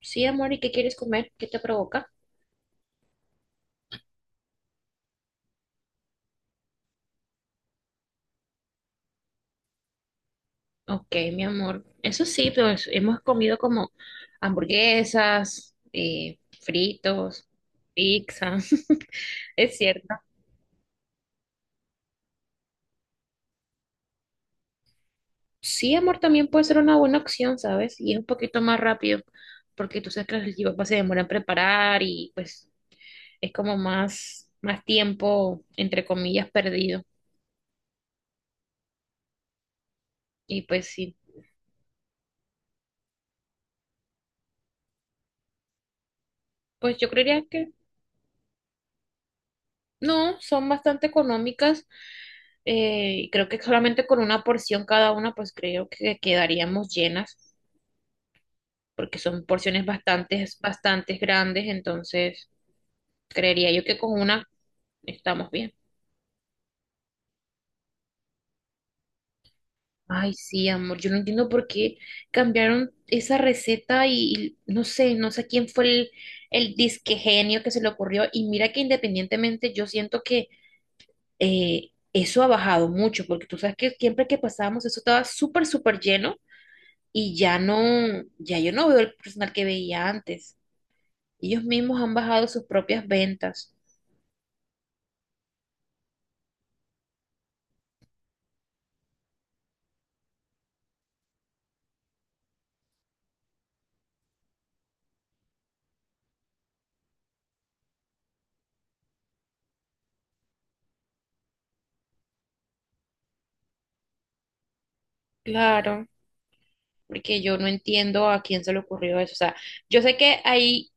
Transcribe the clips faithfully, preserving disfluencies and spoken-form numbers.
Sí, amor, ¿y qué quieres comer? ¿Qué te provoca? Ok, mi amor. Eso sí, pero es- hemos comido como hamburguesas, eh, fritos, pizza. Es cierto. Sí, amor, también puede ser una buena opción, ¿sabes? Y es un poquito más rápido, porque tú sabes que los chipas se demoran en preparar y pues es como más, más tiempo, entre comillas, perdido. Y pues sí, pues yo creería que no, son bastante económicas. eh, y creo que solamente con una porción cada una, pues creo que quedaríamos llenas, porque son porciones bastante, bastante grandes, entonces creería yo que con una estamos bien. Ay, sí, amor, yo no entiendo por qué cambiaron esa receta y, y no sé, no sé quién fue el, el disque genio que se le ocurrió. Y mira que independientemente yo siento que eh, eso ha bajado mucho, porque tú sabes que siempre que pasábamos eso estaba súper, súper lleno y ya no, ya yo no veo el personal que veía antes. Ellos mismos han bajado sus propias ventas. Claro. Porque yo no entiendo a quién se le ocurrió eso. O sea, yo sé que hay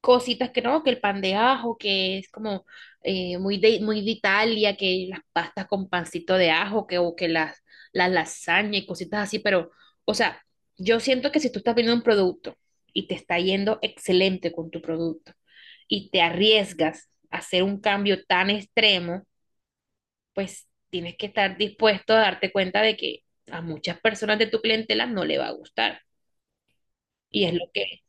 cositas que no, que el pan de ajo, que es como eh, muy de, muy de Italia, que las pastas con pancito de ajo, que, o que las, las lasañas y cositas así, pero, o sea, yo siento que si tú estás viendo un producto y te está yendo excelente con tu producto y te arriesgas a hacer un cambio tan extremo, pues tienes que estar dispuesto a darte cuenta de que a muchas personas de tu clientela no le va a gustar. Y es lo que,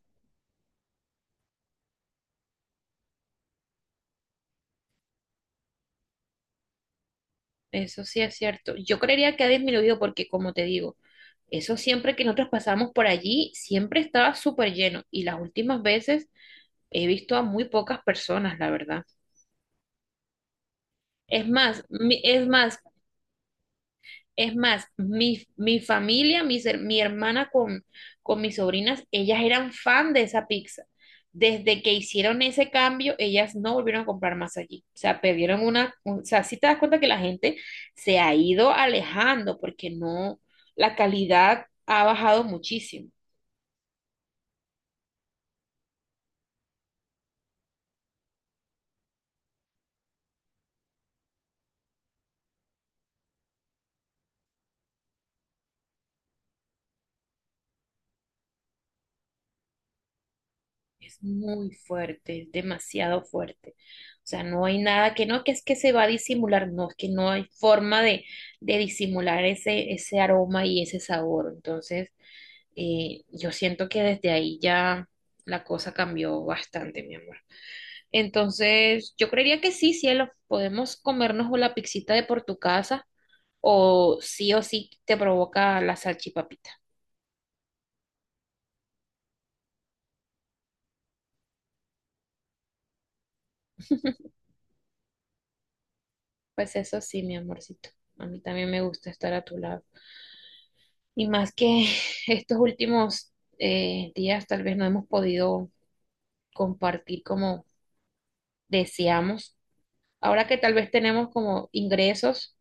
eso sí es cierto. Yo creería que ha disminuido porque, como te digo, eso siempre que nosotros pasamos por allí, siempre estaba súper lleno. Y las últimas veces he visto a muy pocas personas, la verdad. Es más, mi- es más, es más, mi, mi familia, mi, mi hermana con, con mis sobrinas, ellas eran fan de esa pizza. Desde que hicieron ese cambio, ellas no volvieron a comprar más allí. O sea, perdieron una, un- o sea, sí te das cuenta que la gente se ha ido alejando porque no, la calidad ha bajado muchísimo. Es muy fuerte, es demasiado fuerte. O sea, no hay nada que no, que es que se va a disimular, no, es que no hay forma de, de disimular ese, ese aroma y ese sabor. Entonces, eh, yo siento que desde ahí ya la cosa cambió bastante, mi amor. Entonces, yo creería que sí, cielo, podemos comernos o la pixita de por tu casa o sí o sí te provoca la salchipapita. Pues eso sí, mi amorcito. A mí también me gusta estar a tu lado. Y más que estos últimos eh, días tal vez no hemos podido compartir como deseamos. Ahora que tal vez tenemos como ingresos,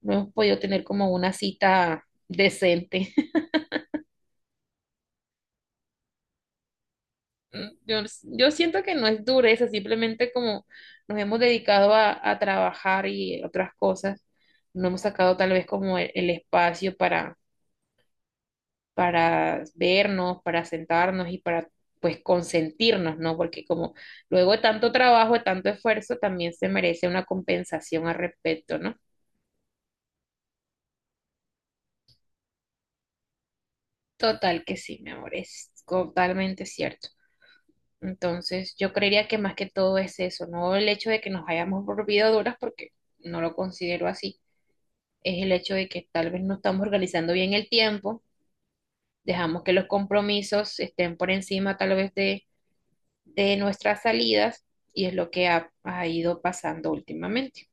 no hemos podido tener como una cita decente. Yo, yo siento que no es dureza, simplemente como nos hemos dedicado a, a trabajar y otras cosas, no hemos sacado tal vez como el, el espacio para, para vernos, para sentarnos y para pues consentirnos, ¿no? Porque como luego de tanto trabajo, de tanto esfuerzo, también se merece una compensación al respecto, ¿no? Total que sí, mi amor, es totalmente cierto. Entonces, yo creería que más que todo es eso, no el hecho de que nos hayamos volvido duras, porque no lo considero así, es el hecho de que tal vez no estamos organizando bien el tiempo, dejamos que los compromisos estén por encima tal vez de de nuestras salidas y es lo que ha, ha ido pasando últimamente.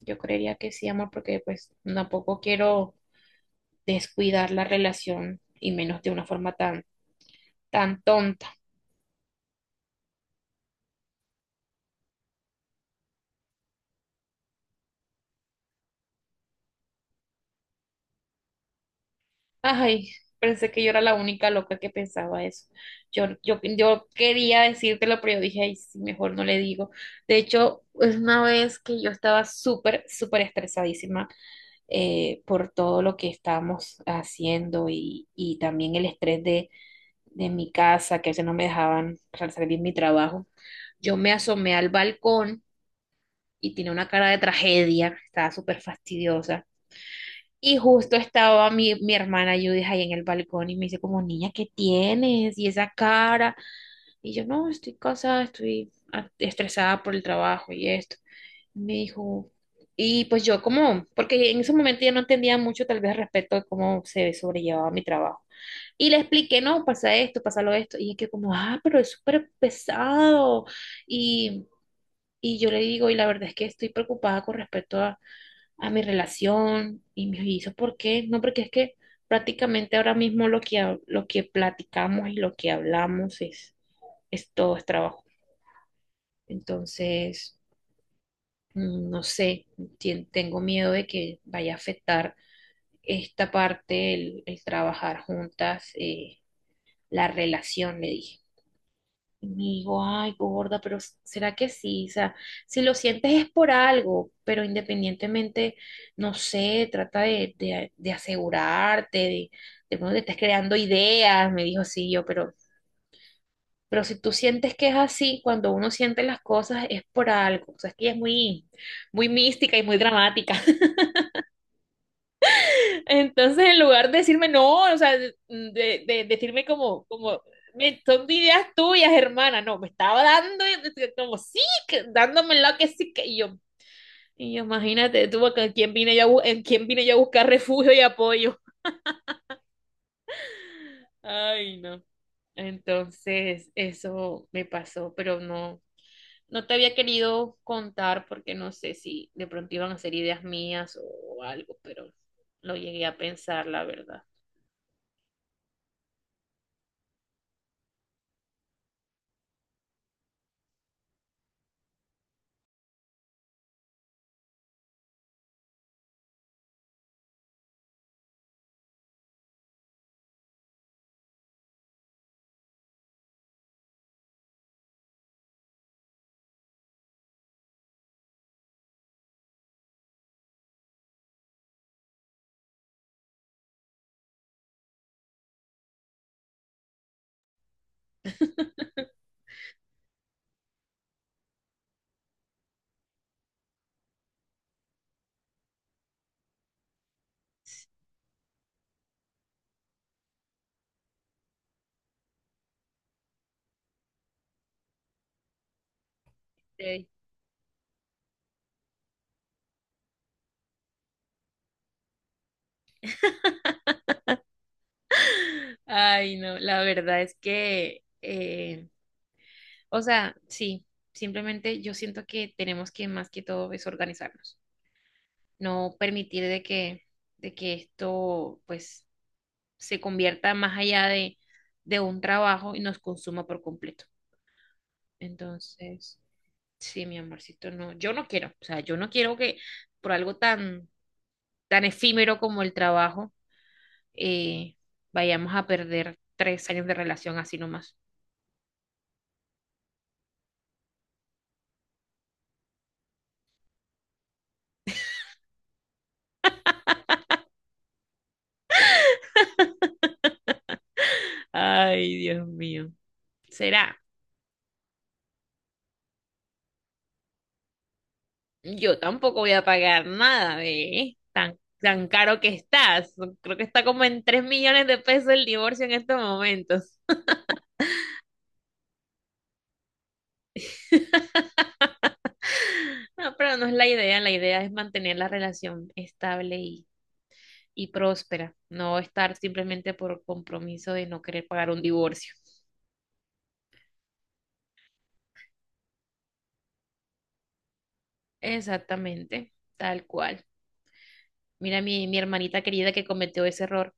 Yo creería que sí, amor, porque pues tampoco quiero descuidar la relación y menos de una forma tan, tan tonta. Ay, pensé que yo era la única loca que pensaba eso. Yo, yo, yo quería decírtelo, pero yo dije, ay, sí, mejor no le digo. De hecho, es una vez que yo estaba súper, súper estresadísima eh, por todo lo que estábamos haciendo y, y también el estrés de de mi casa, que a veces no me dejaban realizar bien mi trabajo. Yo me asomé al balcón y tenía una cara de tragedia, estaba súper fastidiosa. Y justo estaba mi, mi hermana Judith ahí en el balcón y me dice como, niña, ¿qué tienes? Y esa cara. Y yo, no, estoy cansada, estoy ah, estresada por el trabajo y esto. Me dijo, y pues yo como, porque en ese momento yo no entendía mucho tal vez respecto de cómo se sobrellevaba mi trabajo. Y le expliqué, no, pasa esto, pasa lo esto. Y es que como, ah, pero es súper pesado. Y, y yo le digo, y la verdad es que estoy preocupada con respecto a, a mi relación. Y me hizo, ¿por qué? No, porque es que prácticamente ahora mismo lo que, ha- lo que platicamos y lo que hablamos es, es todo es trabajo. Entonces, mm, no sé, tien- tengo miedo de que vaya a afectar esta parte, el, el trabajar juntas, eh, la relación, le dije. Y me digo, ay, gorda, pero ¿será que sí? O sea, si lo sientes es por algo, pero independientemente, no sé, trata de, de- de asegurarte, de, de pronto te estás creando ideas, me dijo, sí, yo, pero, pero si tú sientes que es así, cuando uno siente las cosas es por algo, o sea, es que ella es muy, muy mística y muy dramática. Entonces, en lugar de decirme no, o sea, de, de- de decirme como, como, "Me- son ideas tuyas, hermana, no, me estaba dando, eh, como sí, que- dándome lo que sí, que y yo, y yo, imagínate tú, acá, ¿en quién vine yo a, bu- en quién vine yo a buscar refugio y apoyo? Ay, no. Entonces, eso me pasó, pero no, no te había querido contar porque no sé si de pronto iban a ser ideas mías o algo, pero lo llegué a pensar, la verdad. Ay, no, la verdad es que, eh, o sea, sí, simplemente yo siento que tenemos que más que todo es organizarnos, no permitir de que, de que esto pues se convierta más allá de, de un trabajo y nos consuma por completo. Entonces, sí, mi amorcito, no, yo no quiero, o sea, yo no quiero que por algo tan, tan efímero como el trabajo, eh, vayamos a perder tres años de relación así nomás. Ay, Dios mío. Será. Yo tampoco voy a pagar nada, ve, Tan, tan caro que estás. Creo que está como en tres millones de pesos el divorcio en estos momentos. No, pero no es la idea. La idea es mantener la relación estable y, y próspera. No estar simplemente por compromiso de no querer pagar un divorcio. Exactamente, tal cual. Mira mi, mi hermanita querida que cometió ese error.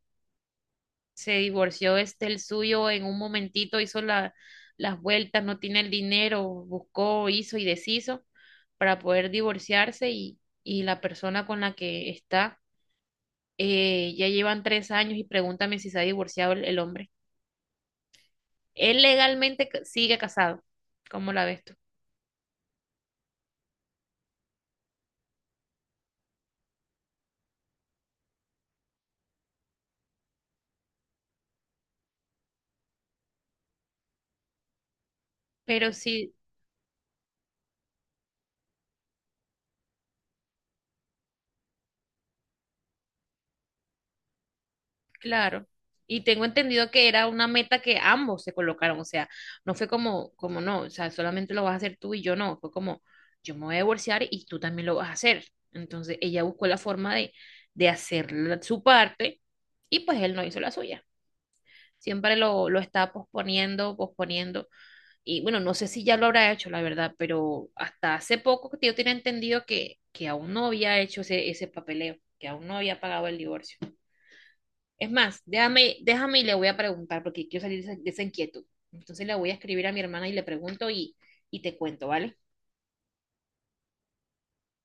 Se divorció este el suyo en un momentito, hizo la, las vueltas, no tiene el dinero, buscó, hizo y deshizo para poder divorciarse y, y la persona con la que está eh, ya llevan tres años y pregúntame si se ha divorciado el, el hombre. Él legalmente ca- sigue casado, ¿cómo la ves tú? Pero sí, claro. Y tengo entendido que era una meta que ambos se colocaron, o sea, no fue como, como no, o sea, solamente lo vas a hacer tú y yo no, fue como, yo me voy a divorciar y tú también lo vas a hacer. Entonces ella buscó la forma de, de hacer la- su parte y pues él no hizo la suya. Siempre lo, lo estaba posponiendo, posponiendo. Y bueno, no sé si ya lo habrá hecho, la verdad, pero hasta hace poco que yo tenía entendido que, que aún no había hecho ese, ese papeleo, que aún no había pagado el divorcio. Es más, déjame, déjame y le voy a preguntar porque quiero salir de esa, de esa inquietud. Entonces le voy a escribir a mi hermana y le pregunto y, y te cuento, ¿vale?